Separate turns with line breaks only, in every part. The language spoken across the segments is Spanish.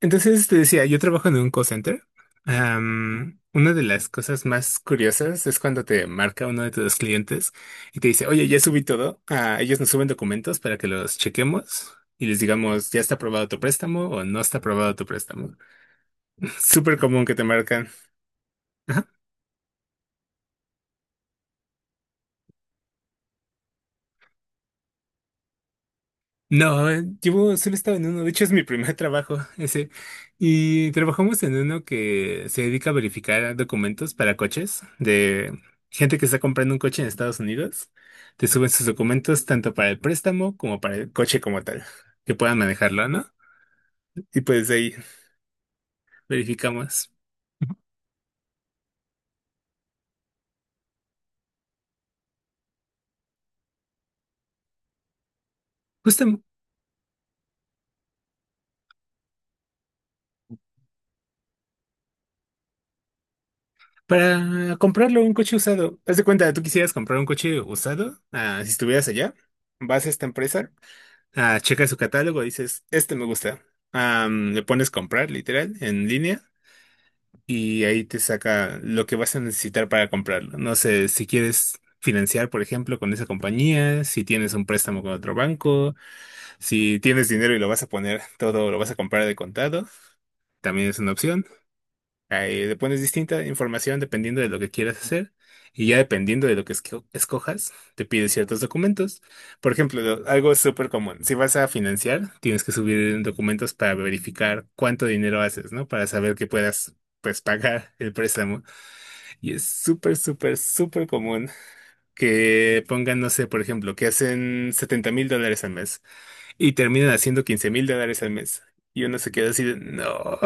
Entonces te decía, yo trabajo en un call center. Una de las cosas más curiosas es cuando te marca uno de tus clientes y te dice, oye, ya subí todo. Ah, ellos nos suben documentos para que los chequemos y les digamos, ya está aprobado tu préstamo o no está aprobado tu préstamo. Súper común que te marcan. No, llevo, solo he estado en uno, de hecho es mi primer trabajo ese. Y trabajamos en uno que se dedica a verificar documentos para coches de gente que está comprando un coche en Estados Unidos. Te suben sus documentos tanto para el préstamo como para el coche como tal, que puedan manejarlo, ¿no? Y pues ahí verificamos. Justo para comprarlo un coche usado. Haz de cuenta, tú quisieras comprar un coche usado, ah, si estuvieras allá, vas a esta empresa. Ah, checa su catálogo, dices, este me gusta. Le pones comprar, literal, en línea, y ahí te saca lo que vas a necesitar para comprarlo. No sé, si quieres financiar, por ejemplo, con esa compañía, si tienes un préstamo con otro banco, si tienes dinero y lo vas a poner todo, lo vas a comprar de contado, también es una opción. Ahí le pones distinta información dependiendo de lo que quieras hacer y ya dependiendo de lo que escojas, te pide ciertos documentos. Por ejemplo, algo súper común, si vas a financiar, tienes que subir documentos para verificar cuánto dinero haces, ¿no? Para saber que puedas, pues, pagar el préstamo. Y es súper, súper, súper común que pongan, no sé, por ejemplo, que hacen $70,000 al mes y terminan haciendo $15,000 al mes. Y uno se queda así de, no.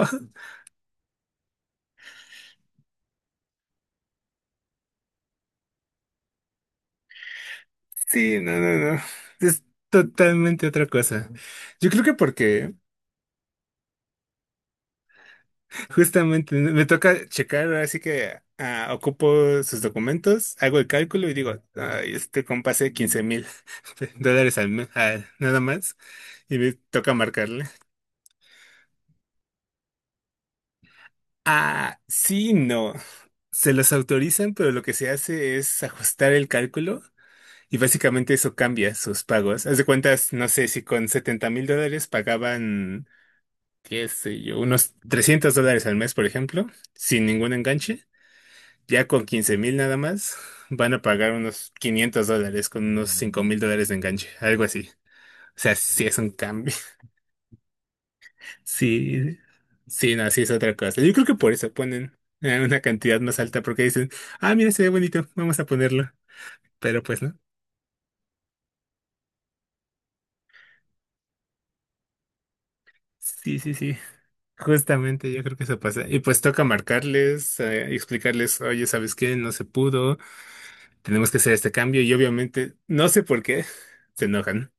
Sí, no, no, no. Es totalmente otra cosa. Yo creo que porque justamente me toca checar, ahora sí que ocupo sus documentos, hago el cálculo y digo, "Ay, este compa hace 15,000 dólares al mes, nada más, y me toca marcarle. Ah, sí, no. Se los autorizan, pero lo que se hace es ajustar el cálculo y básicamente eso cambia sus pagos. Haz de cuentas, no sé si con $70,000 pagaban. Qué sé yo, unos $300 al mes, por ejemplo, sin ningún enganche, ya con 15,000 nada más, van a pagar unos $500 con unos $5,000 de enganche, algo así. O sea, sí es un cambio. Sí, sí, no, sí es otra cosa. Yo creo que por eso ponen una cantidad más alta, porque dicen, ah, mira, se ve bonito, vamos a ponerlo. Pero pues no. Sí, sí, sí. Justamente yo creo que eso pasa. Y pues toca marcarles, explicarles, oye, ¿sabes qué? No se pudo. Tenemos que hacer este cambio y obviamente, no sé por qué, se enojan.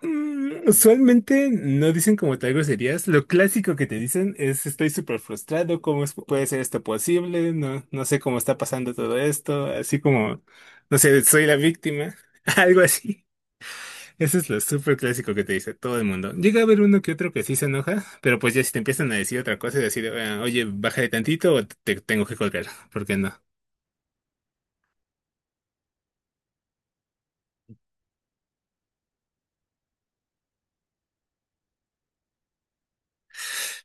Usualmente no dicen como tal groserías. Lo clásico que te dicen es estoy súper frustrado, ¿cómo puede ser esto posible? No, no sé cómo está pasando todo esto, así como, no sé, soy la víctima, algo así. Eso es lo súper clásico que te dice todo el mundo. Llega a haber uno que otro que sí se enoja, pero pues ya si te empiezan a decir otra cosa y decir, "Ah, oye, bájale tantito o te tengo que colgar, ¿por qué no?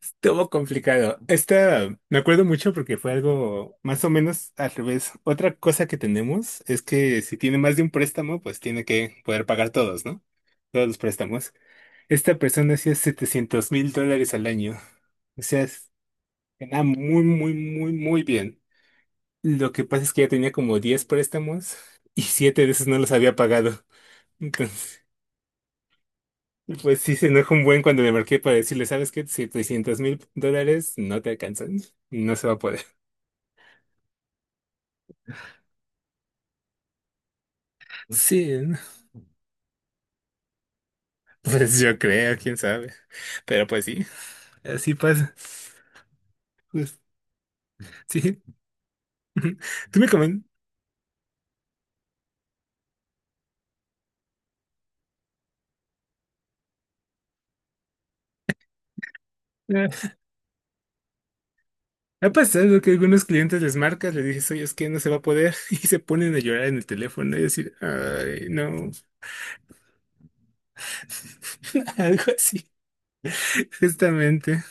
Estuvo complicado. Esta me acuerdo mucho porque fue algo más o menos al revés. Otra cosa que tenemos es que si tiene más de un préstamo, pues tiene que poder pagar todos, ¿no? Todos los préstamos. Esta persona hacía $700,000 al año. O sea, ganaba muy, muy, muy, muy bien. Lo que pasa es que ya tenía como 10 préstamos y 7 de esos no los había pagado. Entonces, pues sí se enojó un buen cuando le marqué para decirle, ¿sabes qué? $700,000 no te alcanzan. No se va a poder. Sí, ¿no? pues yo creo, quién sabe. Pero pues sí, así pasa. Pues, sí. Tú me comentas. Ha pasado que algunos clientes les marcas, les dices, oye, es que no se va a poder, y se ponen a llorar en el teléfono y decir, ay, no. Algo así. Justamente.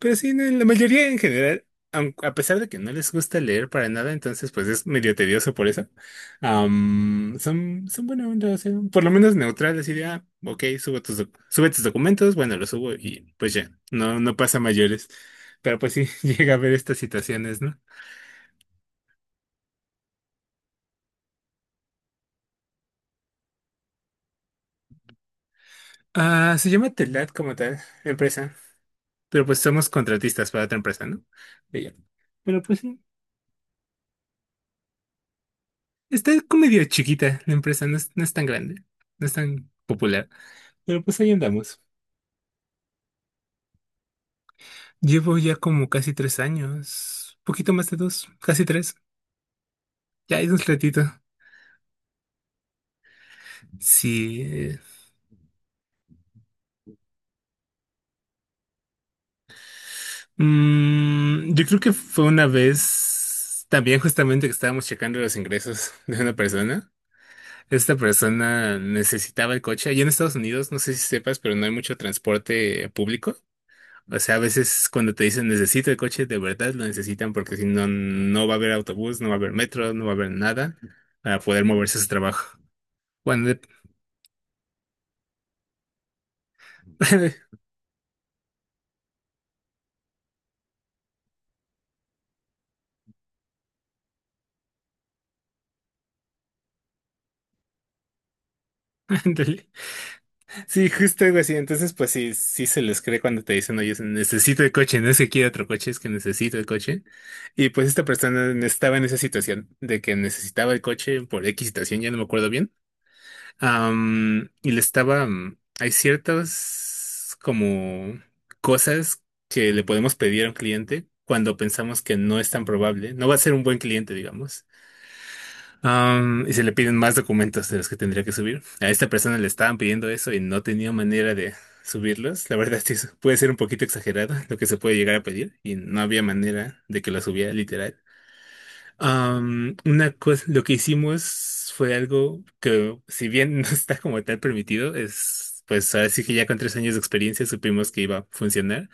Pero sí, no la mayoría en general, a pesar de que no les gusta leer para nada, entonces pues es medio tedioso por eso. Son, son buena onda, o sea, por lo menos neutrales y de, ah, ok, sube tus documentos, bueno, los subo y pues ya, no, no pasa mayores. Pero pues sí, llega a haber estas situaciones, ¿no? Ah, se llama Telat como tal, la empresa. Pero pues somos contratistas para otra empresa, ¿no? De ella. Pero pues sí, está como medio chiquita la empresa, no es, no es tan grande, no es tan popular. Pero pues ahí andamos. Llevo ya como casi 3 años, poquito más de dos, casi tres. Ya es un ratito. Sí. Yo creo que fue una vez también justamente que estábamos checando los ingresos de una persona. Esta persona necesitaba el coche. Allá en Estados Unidos, no sé si sepas, pero no hay mucho transporte público. O sea, a veces cuando te dicen necesito el coche, de verdad lo necesitan porque si no, no va a haber autobús, no va a haber metro, no va a haber nada para poder moverse a su trabajo. Cuando ándale. Sí, justo algo así. Entonces, pues sí, sí se les cree cuando te dicen, oye, necesito el coche, no es que quiera otro coche, es que necesito el coche. Y pues esta persona estaba en esa situación de que necesitaba el coche por X situación, ya no me acuerdo bien. Y le estaba, hay ciertas como cosas que le podemos pedir a un cliente cuando pensamos que no es tan probable, no va a ser un buen cliente, digamos. Y se le piden más documentos de los que tendría que subir. A esta persona le estaban pidiendo eso y no tenía manera de subirlos. La verdad, sí, puede ser un poquito exagerado lo que se puede llegar a pedir y no había manera de que lo subiera literal. Una cosa, lo que hicimos fue algo que, si bien no está como tal permitido, es pues así que ya con 3 años de experiencia supimos que iba a funcionar.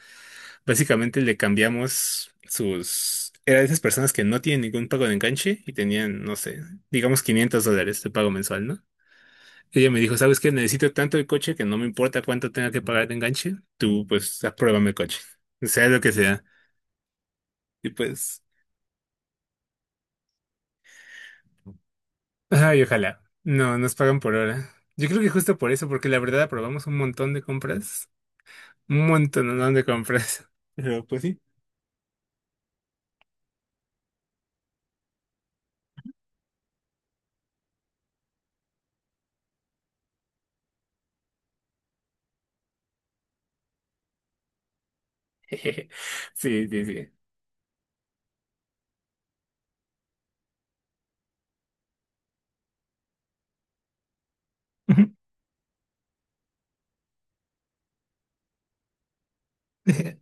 Básicamente le cambiamos sus... Era de esas personas que no tienen ningún pago de enganche y tenían, no sé, digamos $500 de pago mensual, ¿no? Ella me dijo, ¿sabes qué? Necesito tanto el coche que no me importa cuánto tenga que pagar de enganche. Tú, pues, apruébame el coche. Sea lo que sea. Y pues... Ay, ojalá. No, nos pagan por hora. Yo creo que justo por eso, porque la verdad aprobamos un montón de compras. Un montón de compras. Pero, pues sí. Sí, sí, sí.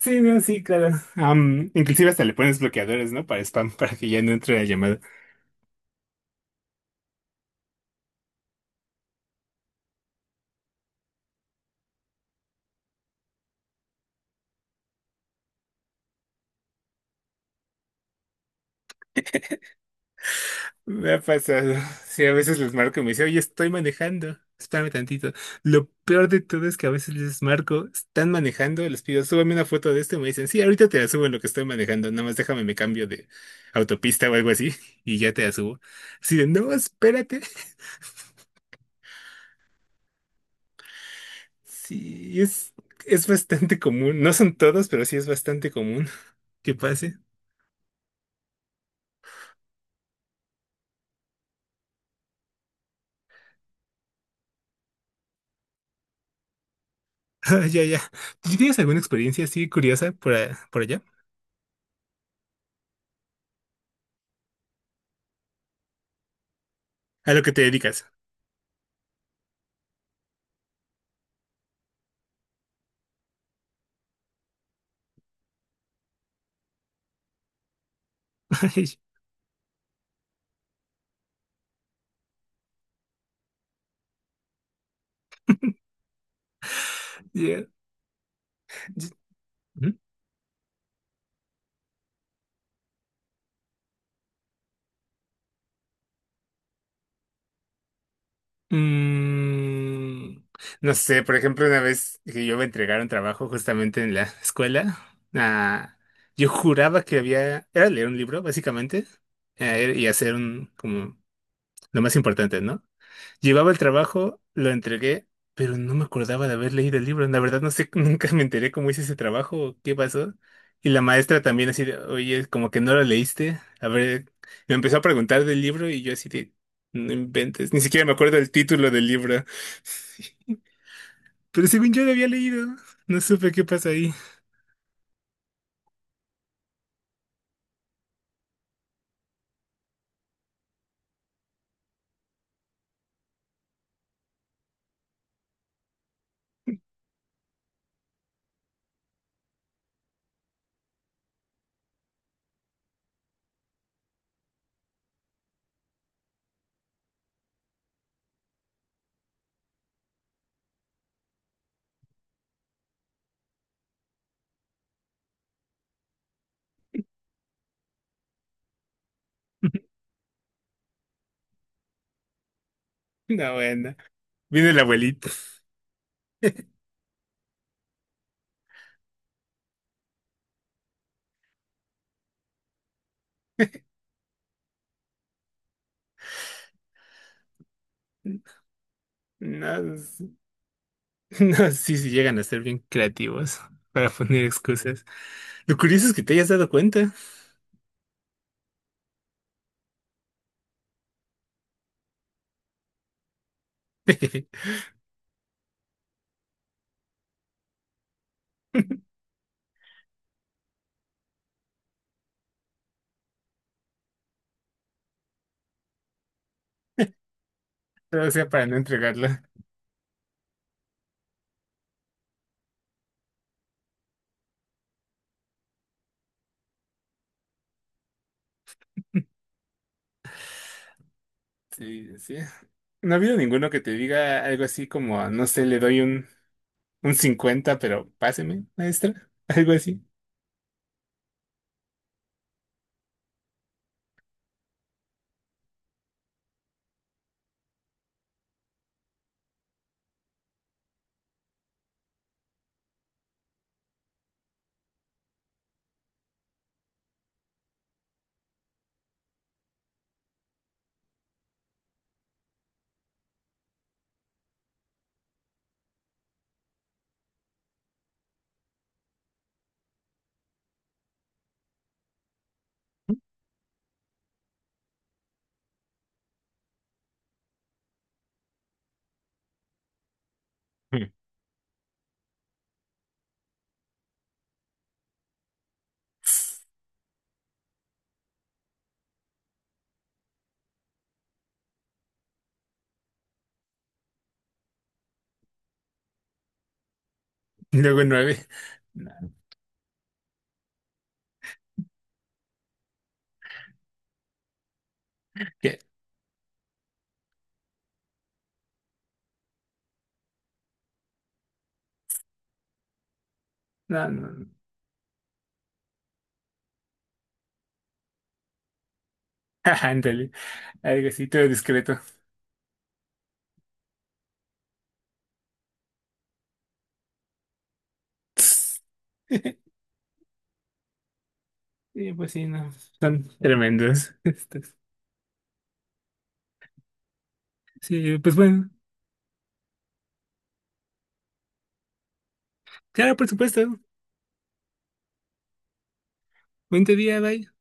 Sí, no, sí, claro. Inclusive hasta le pones bloqueadores, ¿no? Para spam, para que ya no entre la llamada. Me ha pasado. Sí, a veces les marco y me dice, oye, estoy manejando. Espérame tantito. Lo peor de todo es que a veces les marco, están manejando, les pido, súbame una foto de esto y me dicen, sí, ahorita te la subo en lo que estoy manejando, nada más déjame me cambio de autopista o algo así y ya te la subo. Así de, no, espérate. Sí, es bastante común. No son todos, pero sí es bastante común que pase. Ya, ya. ¿Tú sí tienes alguna experiencia así curiosa por, por allá? A lo que te dedicas. Ya. Ujú. Mm, no sé, por ejemplo, una vez que yo me entregaron trabajo justamente en la escuela, ah, yo juraba que había, era leer un libro, básicamente, y hacer un, como, lo más importante, ¿no? Llevaba el trabajo, lo entregué, pero no me acordaba de haber leído el libro. La verdad no sé, nunca me enteré cómo hice ese trabajo, o qué pasó. Y la maestra también así de, oye, como que no lo leíste. A ver, me empezó a preguntar del libro y yo así de, no inventes, ni siquiera me acuerdo el título del libro. Pero según yo lo había leído, no supe qué pasa ahí. No, bueno, viene el abuelito. No, no, sí, sí llegan a ser bien creativos para poner excusas. Lo curioso es que te hayas dado cuenta. O sea, para no entregarla. Sí, sí. No ha habido ninguno que te diga algo así como, no sé, le doy un, 50 pero páseme, maestra. Algo así. Mm. Y luego nueve. No, ¿qué? No, no. No. Ándale. Algo así, todo discreto. Sí, pues sí, no. Son tremendos. estos. Sí, pues bueno. Claro, por supuesto. Buen día, bye.